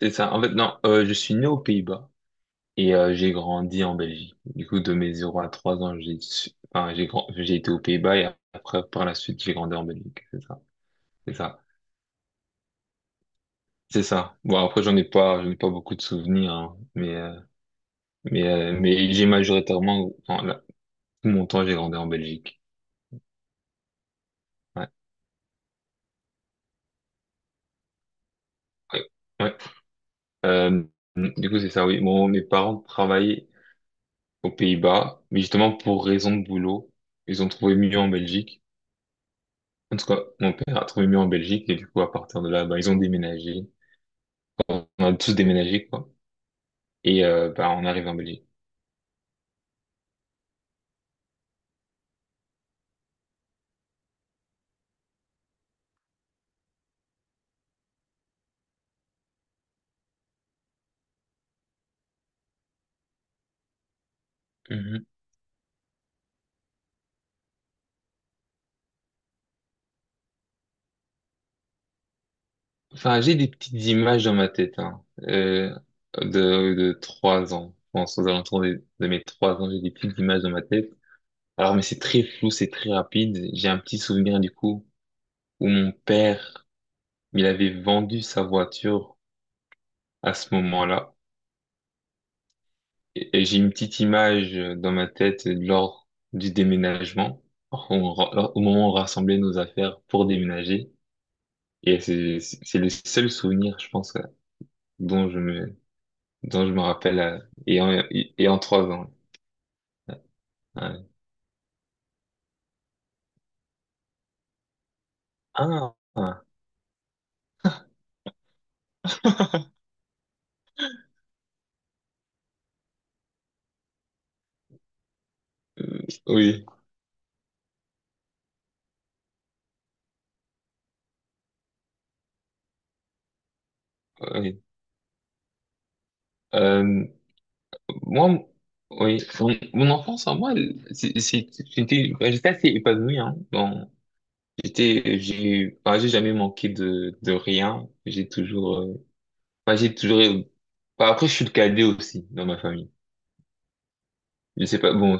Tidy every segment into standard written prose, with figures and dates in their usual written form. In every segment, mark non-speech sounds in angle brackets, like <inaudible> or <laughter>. C'est ça. En fait, non, je suis né aux Pays-Bas et j'ai grandi en Belgique. Du coup, de mes zéro à 3 ans, enfin, j'ai été aux Pays-Bas et après, par la suite, j'ai grandi en Belgique. C'est ça. C'est ça. C'est ça. Bon, après, j'en ai pas beaucoup de souvenirs, hein, mais j'ai majoritairement, enfin, là, tout mon temps, j'ai grandi en Belgique. Ouais. Ouais. Ouais. Euh, du coup, c'est ça, oui. Bon, mes parents travaillaient aux Pays-Bas, mais justement, pour raison de boulot, ils ont trouvé mieux en Belgique. En tout cas, mon père a trouvé mieux en Belgique et du coup, à partir de là, bah, ils ont déménagé. On a tous déménagé, quoi. Et bah, on arrive en Belgique. Mhm. Enfin, j'ai des petites images dans ma tête, hein, euh, de trois ans. Je pense aux alentours de mes trois ans, j'ai des petites images dans ma tête. Alors, mais c'est très flou, c'est très rapide. J'ai un petit souvenir du coup où mon père, il avait vendu sa voiture à ce moment-là. Et j'ai une petite image dans ma tête lors du déménagement, au moment où on rassemblait nos affaires pour déménager. Et c'est le seul souvenir, je pense, dont je me, dont je me rappelle, et en trois ans. Ouais. Ah, ah, oui, oui. Euh, moi, oui, mon enfance, en moi, j'étais, ouais, j'étais assez épanoui, hein. Bon, j'ai, enfin, j'ai jamais manqué de rien. J'ai toujours Enfin, Enfin, après, je suis le cadet aussi dans ma famille. Je sais pas, bon,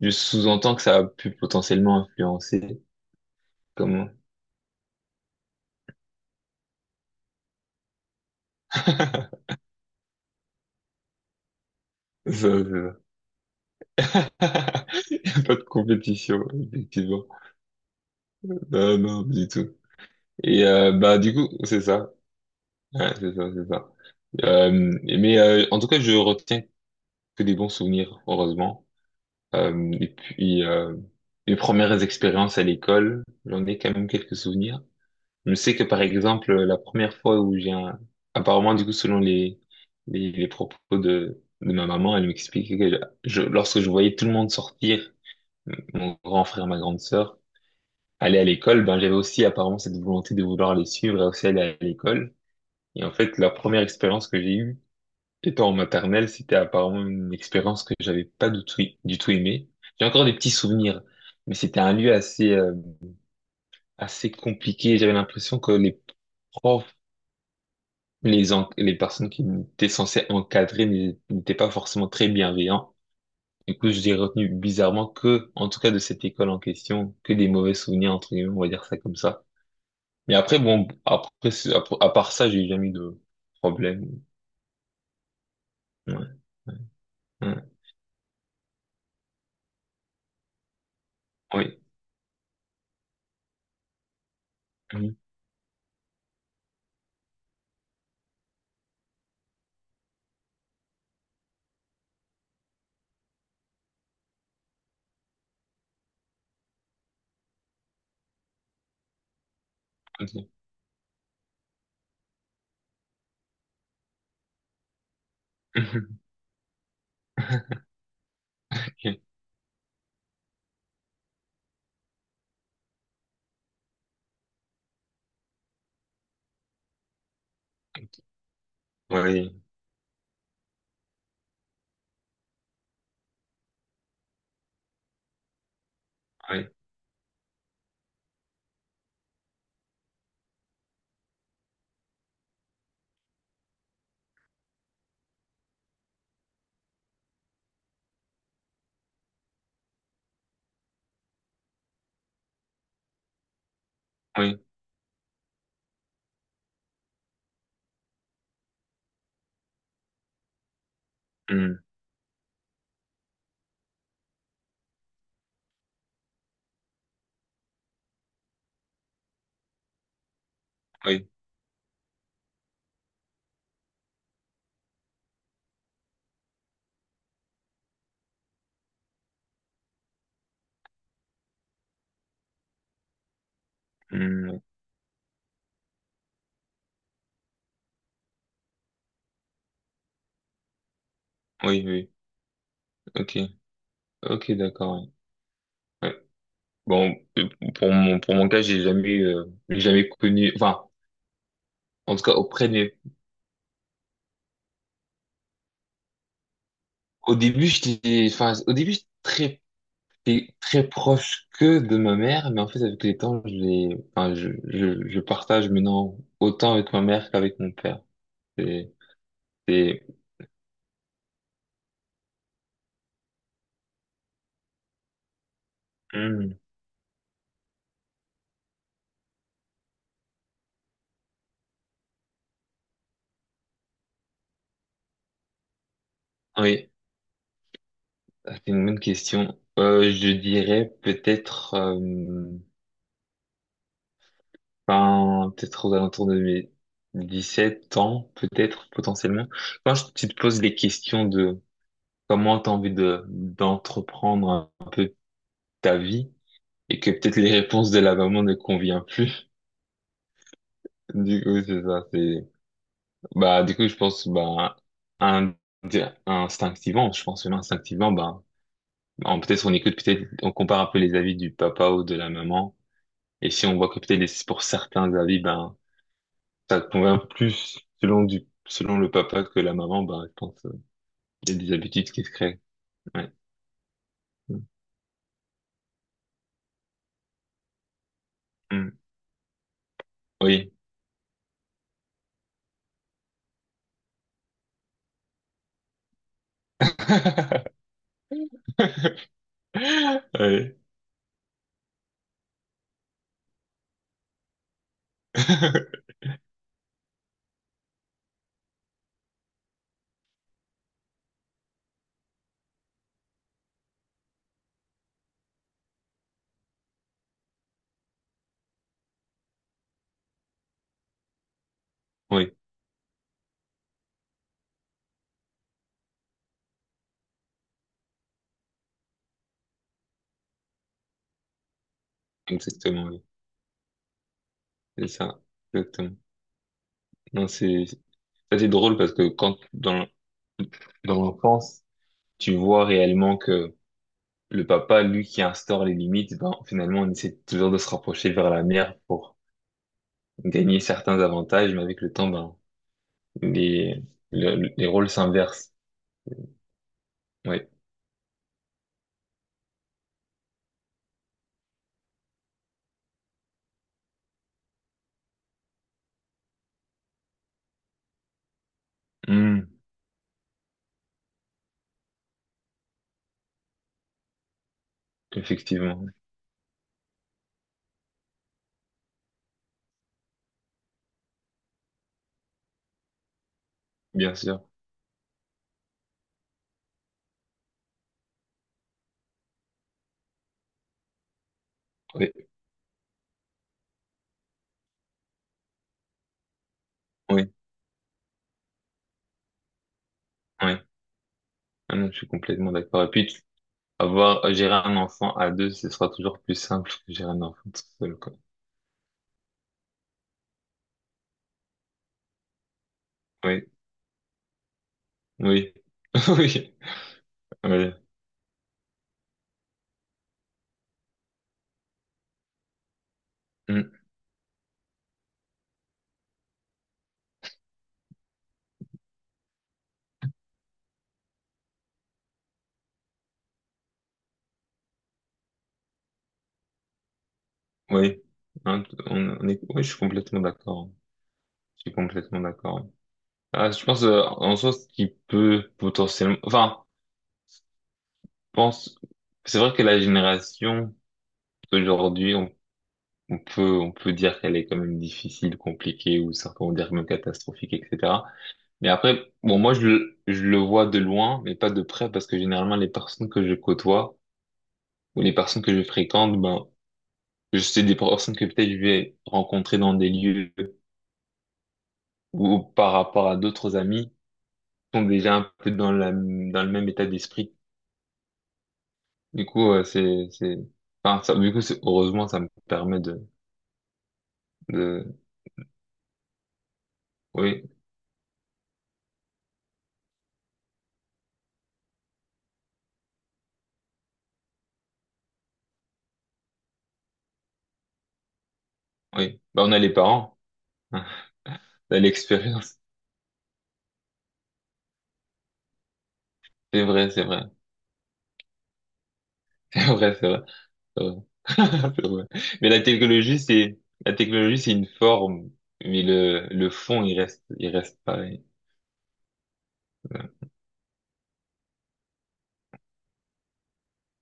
je sous-entends que ça a pu potentiellement influencer comment... <laughs> Ça, ça. <laughs> Y a pas de compétition, effectivement. Non, non, du tout. Et bah du coup, c'est ça. Ouais, c'est ça, c'est ça. Mais en tout cas, je retiens que des bons souvenirs, heureusement. Et puis, mes premières expériences à l'école, j'en ai quand même quelques souvenirs. Je sais que par exemple, la première fois où apparemment du coup selon les propos de ma maman, elle m'expliquait que lorsque je voyais tout le monde sortir, mon grand frère, ma grande sœur, aller à l'école, ben j'avais aussi apparemment cette volonté de vouloir les suivre et aussi aller à l'école. Et en fait, la première expérience que j'ai eue étant en maternelle, c'était apparemment une expérience que j'avais pas du tout du tout aimée. J'ai encore des petits souvenirs, mais c'était un lieu assez assez compliqué. J'avais l'impression que les profs les personnes qui étaient censées encadrer n'étaient pas forcément très bienveillants. Du coup, j'ai retenu bizarrement que, en tout cas de cette école en question, que des mauvais souvenirs, entre guillemets, on va dire ça comme ça. Mais après, bon, après, à part ça, j'ai jamais eu de problème. Ouais, ouais, ouais. Oui. Mhm, ok. <laughs> Ok. Oui, oui, oui, hmm, oui, hmm, oui, oui, ok, ok, d'accord. Ouais. Ouais. Bon, pour pour mon cas, j'ai jamais connu, enfin, en tout cas, auprès des... Au début, j'étais, enfin, au début, j'étais très, très proche que de ma mère, mais en fait, avec les temps, enfin, je partage maintenant autant avec ma mère qu'avec mon père. C'est, c'est- Hmm. Oui, ça, c'est une bonne question. Je dirais peut-être, enfin, peut-être aux alentours de mes 17 ans, peut-être, potentiellement. Tu te poses les questions de comment t'as envie d'entreprendre un peu ta vie, et que peut-être les réponses de la maman ne conviennent plus. <laughs> Du coup, c'est ça, bah, du coup, je pense, bah, un, instinctivement, je pense, même instinctivement, bah, peut-être on écoute, peut-être, on compare un peu les avis du papa ou de la maman. Et si on voit que peut-être pour certains avis, ben, ça convient plus selon le papa que la maman, bah, je pense, il y a des habitudes qui se créent. Ouais. Mm. Mm. Oui. <laughs> Ouais. <laughs> Oui, exactement, oui. C'est ça. Exactement. Non, ça c'est drôle parce que quand, dans l'enfance, tu vois réellement que le papa, lui, qui instaure les limites, ben, finalement, on essaie toujours de se rapprocher vers la mère pour gagner certains avantages, mais avec le temps, ben, les, les rôles s'inversent. Oui. Hmm, effectivement. Bien sûr. Oui. Oui. Oui. Ah non, je suis complètement d'accord. Et puis, gérer un enfant à deux, ce sera toujours plus simple que gérer un enfant tout seul, quoi. Oui. Oui. <laughs> Oui. Oui. Oui, hein, on est, oui, je suis complètement d'accord. Je suis complètement d'accord. Ah, je pense en soi ce qui peut potentiellement, enfin, je pense, c'est vrai que la génération d'aujourd'hui, on peut dire qu'elle est quand même difficile, compliquée, ou certains vont dire même catastrophique, etc. Mais après, bon, je le vois de loin, mais pas de près, parce que généralement les personnes que je côtoie ou les personnes que je fréquente, ben, je sais des personnes que peut-être je vais rencontrer dans des lieux ou par rapport à d'autres amis sont déjà un peu dans le même état d'esprit. Du coup, enfin, ça, du coup, heureusement, ça me permet de. Oui, oui. Bah, on a les parents, <laughs> hein, on a l'expérience. C'est vrai, <laughs> c'est vrai, c'est vrai, c'est vrai. <laughs> C'est vrai. Mais la technologie, c'est une forme, mais le fond, il reste pareil. Ouais.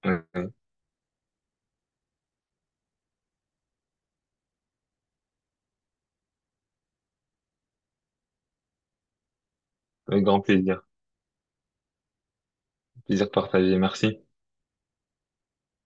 Ouais. Un grand plaisir, plaisir partagé. Merci.